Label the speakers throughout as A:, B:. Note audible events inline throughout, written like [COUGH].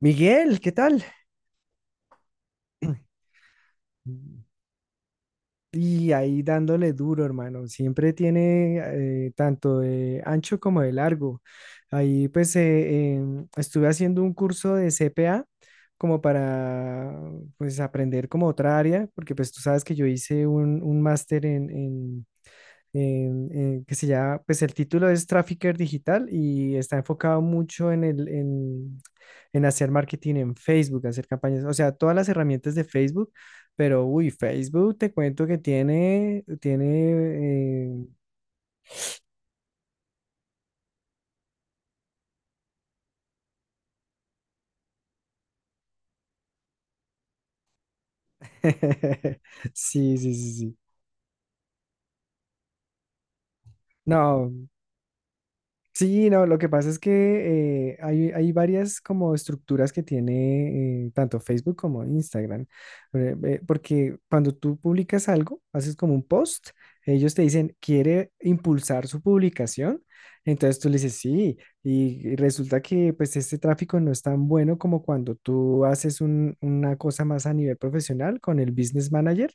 A: Miguel, ¿qué tal? [CLEARS THROAT] Y ahí dándole duro, hermano. Siempre tiene tanto de ancho como de largo. Ahí pues estuve haciendo un curso de CPA como para pues aprender como otra área, porque pues tú sabes que yo hice un máster en, que se llama, pues el título es Trafficker Digital y está enfocado mucho en en hacer marketing en Facebook, hacer campañas, o sea, todas las herramientas de Facebook, pero uy, Facebook te cuento que tiene, eh, [LAUGHS] sí, sí, sí, sí. No, sí, no, lo que pasa es que hay varias como estructuras que tiene tanto Facebook como Instagram, porque cuando tú publicas algo, haces como un post, ellos te dicen, ¿quiere impulsar su publicación? Entonces tú le dices, sí, y resulta que pues este tráfico no es tan bueno como cuando tú haces una cosa más a nivel profesional con el Business Manager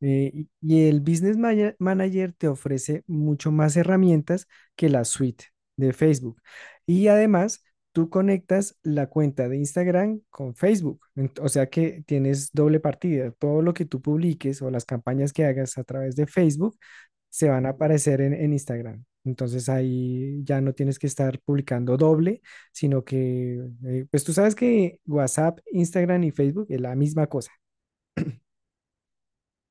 A: eh, y y el Manager te ofrece mucho más herramientas que la suite de Facebook. Y además, tú conectas la cuenta de Instagram con Facebook. O sea que tienes doble partida. Todo lo que tú publiques o las campañas que hagas a través de Facebook se van a aparecer en Instagram. Entonces ahí ya no tienes que estar publicando doble, sino que, pues tú sabes que WhatsApp, Instagram y Facebook es la misma cosa.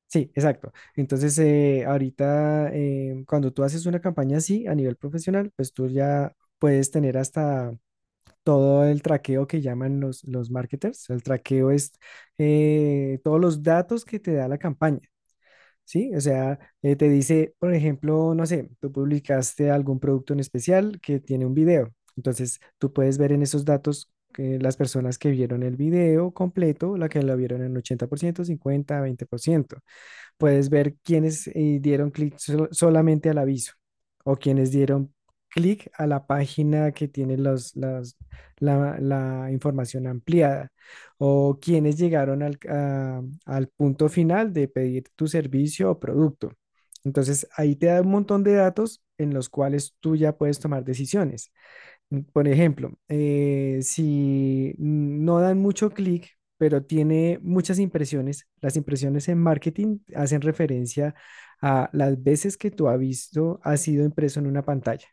A: Sí, exacto. Entonces, ahorita, cuando tú haces una campaña así a nivel profesional, pues tú ya puedes tener hasta todo el traqueo que llaman los marketers. El traqueo es todos los datos que te da la campaña, ¿sí? O sea, te dice, por ejemplo, no sé, tú publicaste algún producto en especial que tiene un video. Entonces, tú puedes ver en esos datos que las personas que vieron el video completo, la que lo vieron en 80%, 50, 20% puedes ver quiénes dieron clic solamente al aviso o quienes dieron clic a la página que tiene la información ampliada o quienes llegaron al punto final de pedir tu servicio o producto. Entonces, ahí te da un montón de datos en los cuales tú ya puedes tomar decisiones. Por ejemplo, si no dan mucho clic, pero tiene muchas impresiones, las impresiones en marketing hacen referencia a las veces que tu aviso ha sido impreso en una pantalla.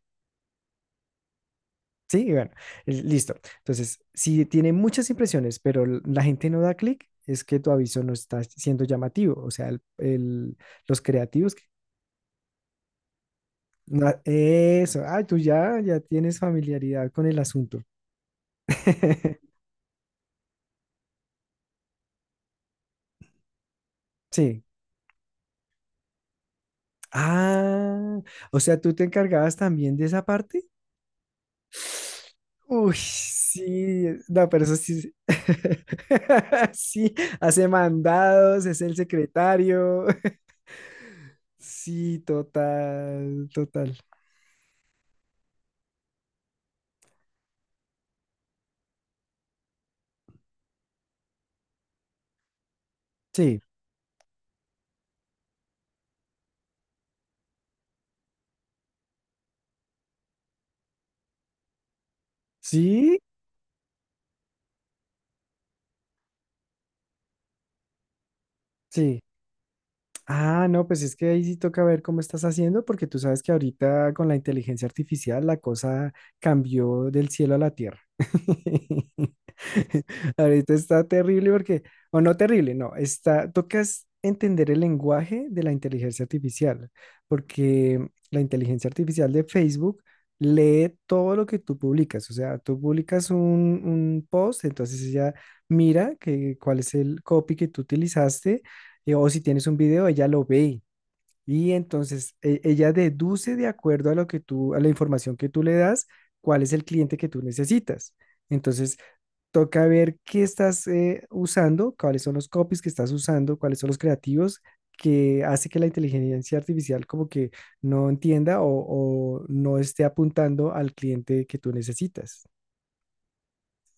A: Sí, y bueno, listo. Entonces, si tiene muchas impresiones, pero la gente no da clic, es que tu aviso no está siendo llamativo. O sea, los creativos. Que- no, eso, ah, ya tienes familiaridad con el asunto. [LAUGHS] Sí. Ah, o sea, tú te encargabas también de esa parte. Uy, sí, no, pero eso sí, sí, [LAUGHS] sí, hace mandados, es el secretario. [LAUGHS] Sí, total, total. Sí, sí, sí. Ah, no, pues es que ahí sí toca ver cómo estás haciendo, porque tú sabes que ahorita con la inteligencia artificial la cosa cambió del cielo a la tierra. [LAUGHS] Ahorita está terrible porque, o no terrible, no, está, tocas entender el lenguaje de la inteligencia artificial, porque la inteligencia artificial de Facebook lee todo lo que tú publicas, o sea, tú publicas un post, entonces ella mira que, cuál es el copy que tú utilizaste o si tienes un video, ella lo ve y entonces ella deduce de acuerdo a lo que tú, a la información que tú le das, cuál es el cliente que tú necesitas. Entonces, toca ver qué estás usando, cuáles son los copies que estás usando, cuáles son los creativos que hace que la inteligencia artificial como que no entienda o no esté apuntando al cliente que tú necesitas.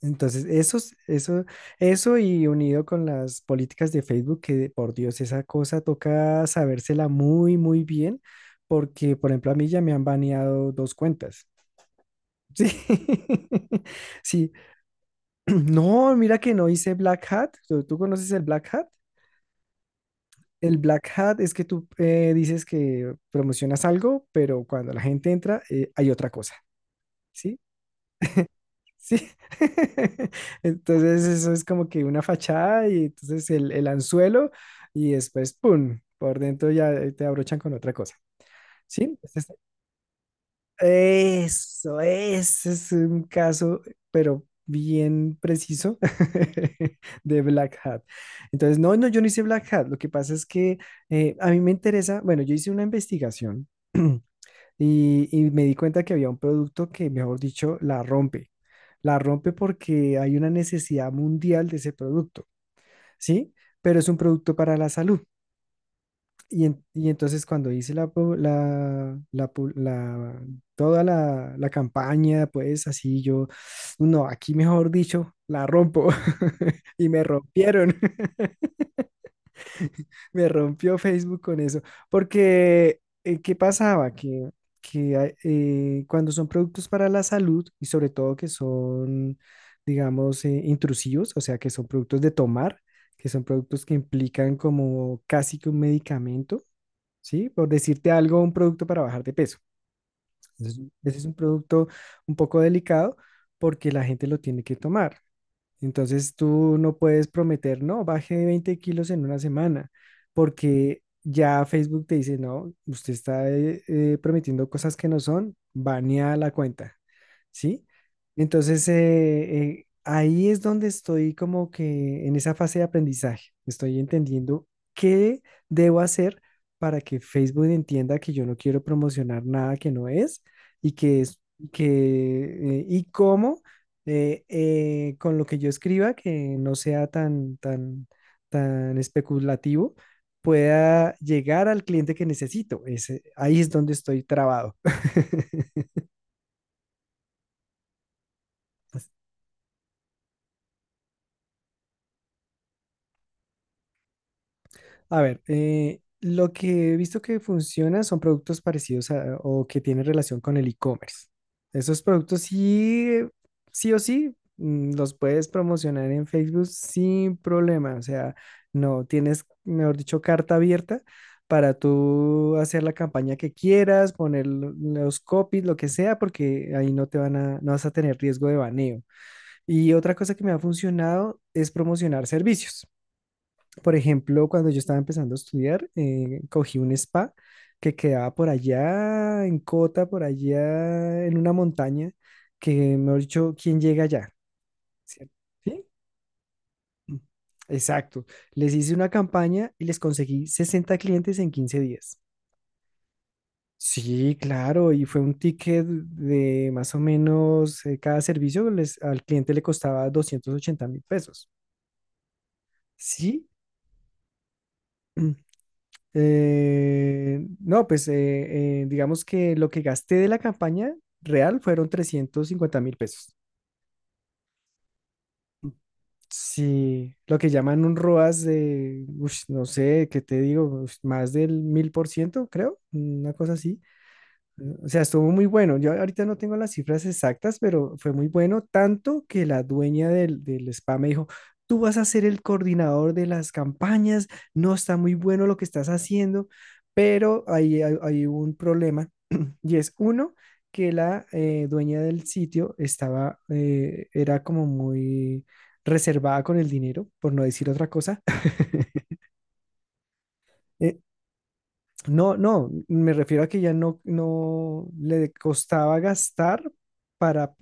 A: Entonces, eso, eso y unido con las políticas de Facebook, que por Dios, esa cosa toca sabérsela muy, muy bien, porque, por ejemplo, a mí ya me han baneado dos cuentas. Sí, [LAUGHS] sí. [CLEARS THROAT] No, mira que no hice Black Hat. Tú conoces el Black Hat? El Black Hat es que tú dices que promocionas algo, pero cuando la gente entra, hay otra cosa, ¿sí? Sí. [LAUGHS] Entonces eso es como que una fachada y entonces el anzuelo y después, ¡pum! Por dentro ya te abrochan con otra cosa. ¿Sí? Este eso, ese es un caso, pero bien preciso [LAUGHS] de Black Hat. Entonces, no, no, yo no hice Black Hat. Lo que pasa es que a mí me interesa, bueno, yo hice una investigación y me di cuenta que había un producto que, mejor dicho, la rompe. La rompe porque hay una necesidad mundial de ese producto, ¿sí? Pero es un producto para la salud. Y, y entonces cuando hice toda la campaña, pues así yo, no, aquí mejor dicho, la rompo. [LAUGHS] Y me rompieron. Me rompió Facebook con eso, porque ¿qué pasaba? Que cuando son productos para la salud y sobre todo que son, digamos, intrusivos, o sea, que son productos de tomar, que son productos que implican como casi que un medicamento, ¿sí? Por decirte algo, un producto para bajar de peso. Ese es un producto un poco delicado porque la gente lo tiene que tomar. Entonces tú no puedes prometer, no, baje 20 kilos en una semana, porque ya Facebook te dice, no, usted está prometiendo cosas que no son, banea la cuenta, ¿sí? Entonces ahí es donde estoy como que en esa fase de aprendizaje, estoy entendiendo qué debo hacer para que Facebook entienda que yo no quiero promocionar nada que no es y que es que y cómo con lo que yo escriba, que no sea tan especulativo, pueda llegar al cliente que necesito. Ese, ahí es donde estoy trabado. [LAUGHS] A ver, lo que he visto que funciona son productos parecidos o que tienen relación con el e-commerce. Esos productos sí, sí o sí, mm, los puedes promocionar en Facebook sin problema. O sea, no tienes, mejor dicho, carta abierta para tú hacer la campaña que quieras, poner los copies, lo que sea, porque ahí no vas a tener riesgo de baneo. Y otra cosa que me ha funcionado es promocionar servicios. Por ejemplo, cuando yo estaba empezando a estudiar, cogí un spa que quedaba por allá, en Cota, por allá, en una montaña, que, mejor dicho, ¿quién llega allá? ¿Cierto? ¿Sí? Mm. Exacto. Les hice una campaña y les conseguí 60 clientes en 15 días. Sí, claro, y fue un ticket de más o menos cada servicio les- al cliente le costaba 280.000 pesos. Sí, [CLEARS THROAT] no, pues digamos que lo que gasté de la campaña real fueron 350.000 pesos. Sí, lo que llaman un ROAS de, ush, no sé, ¿qué te digo? Ush, más del 1.000%, creo, una cosa así. O sea, estuvo muy bueno. Yo ahorita no tengo las cifras exactas, pero fue muy bueno, tanto que la dueña del spa me dijo, tú vas a ser el coordinador de las campañas, no está muy bueno lo que estás haciendo, pero ahí hay un problema [CLEARS THROAT] y es uno, que la dueña del sitio estaba, era como muy reservada con el dinero, por no decir otra cosa. [LAUGHS] E- no, no, me refiero a que ya no, no le costaba gastar para,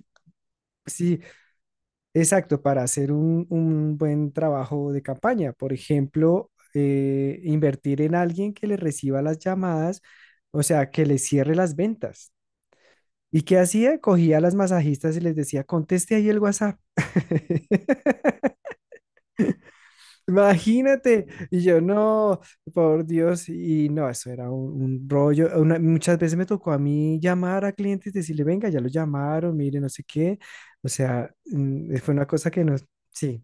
A: sí, exacto, para hacer un buen trabajo de campaña. Por ejemplo, invertir en alguien que le reciba las llamadas, o sea, que le cierre las ventas. ¿Y qué hacía? Cogía a las masajistas y les decía, conteste ahí el WhatsApp. [LAUGHS] Imagínate, y yo no, por Dios, y no, eso era un rollo. Una- muchas veces me tocó a mí llamar a clientes, decirle, venga, ya lo llamaron, mire, no sé qué. O sea, mm, fue una cosa que no, sí,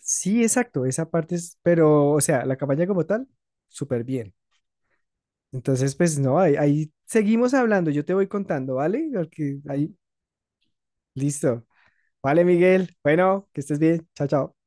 A: sí, exacto, esa parte es, pero, o sea, la campaña como tal, súper bien. Entonces, pues no, ahí, ahí seguimos hablando, yo te voy contando, ¿vale? Porque ahí, listo. Vale, Miguel, bueno, que estés bien, chao, chao.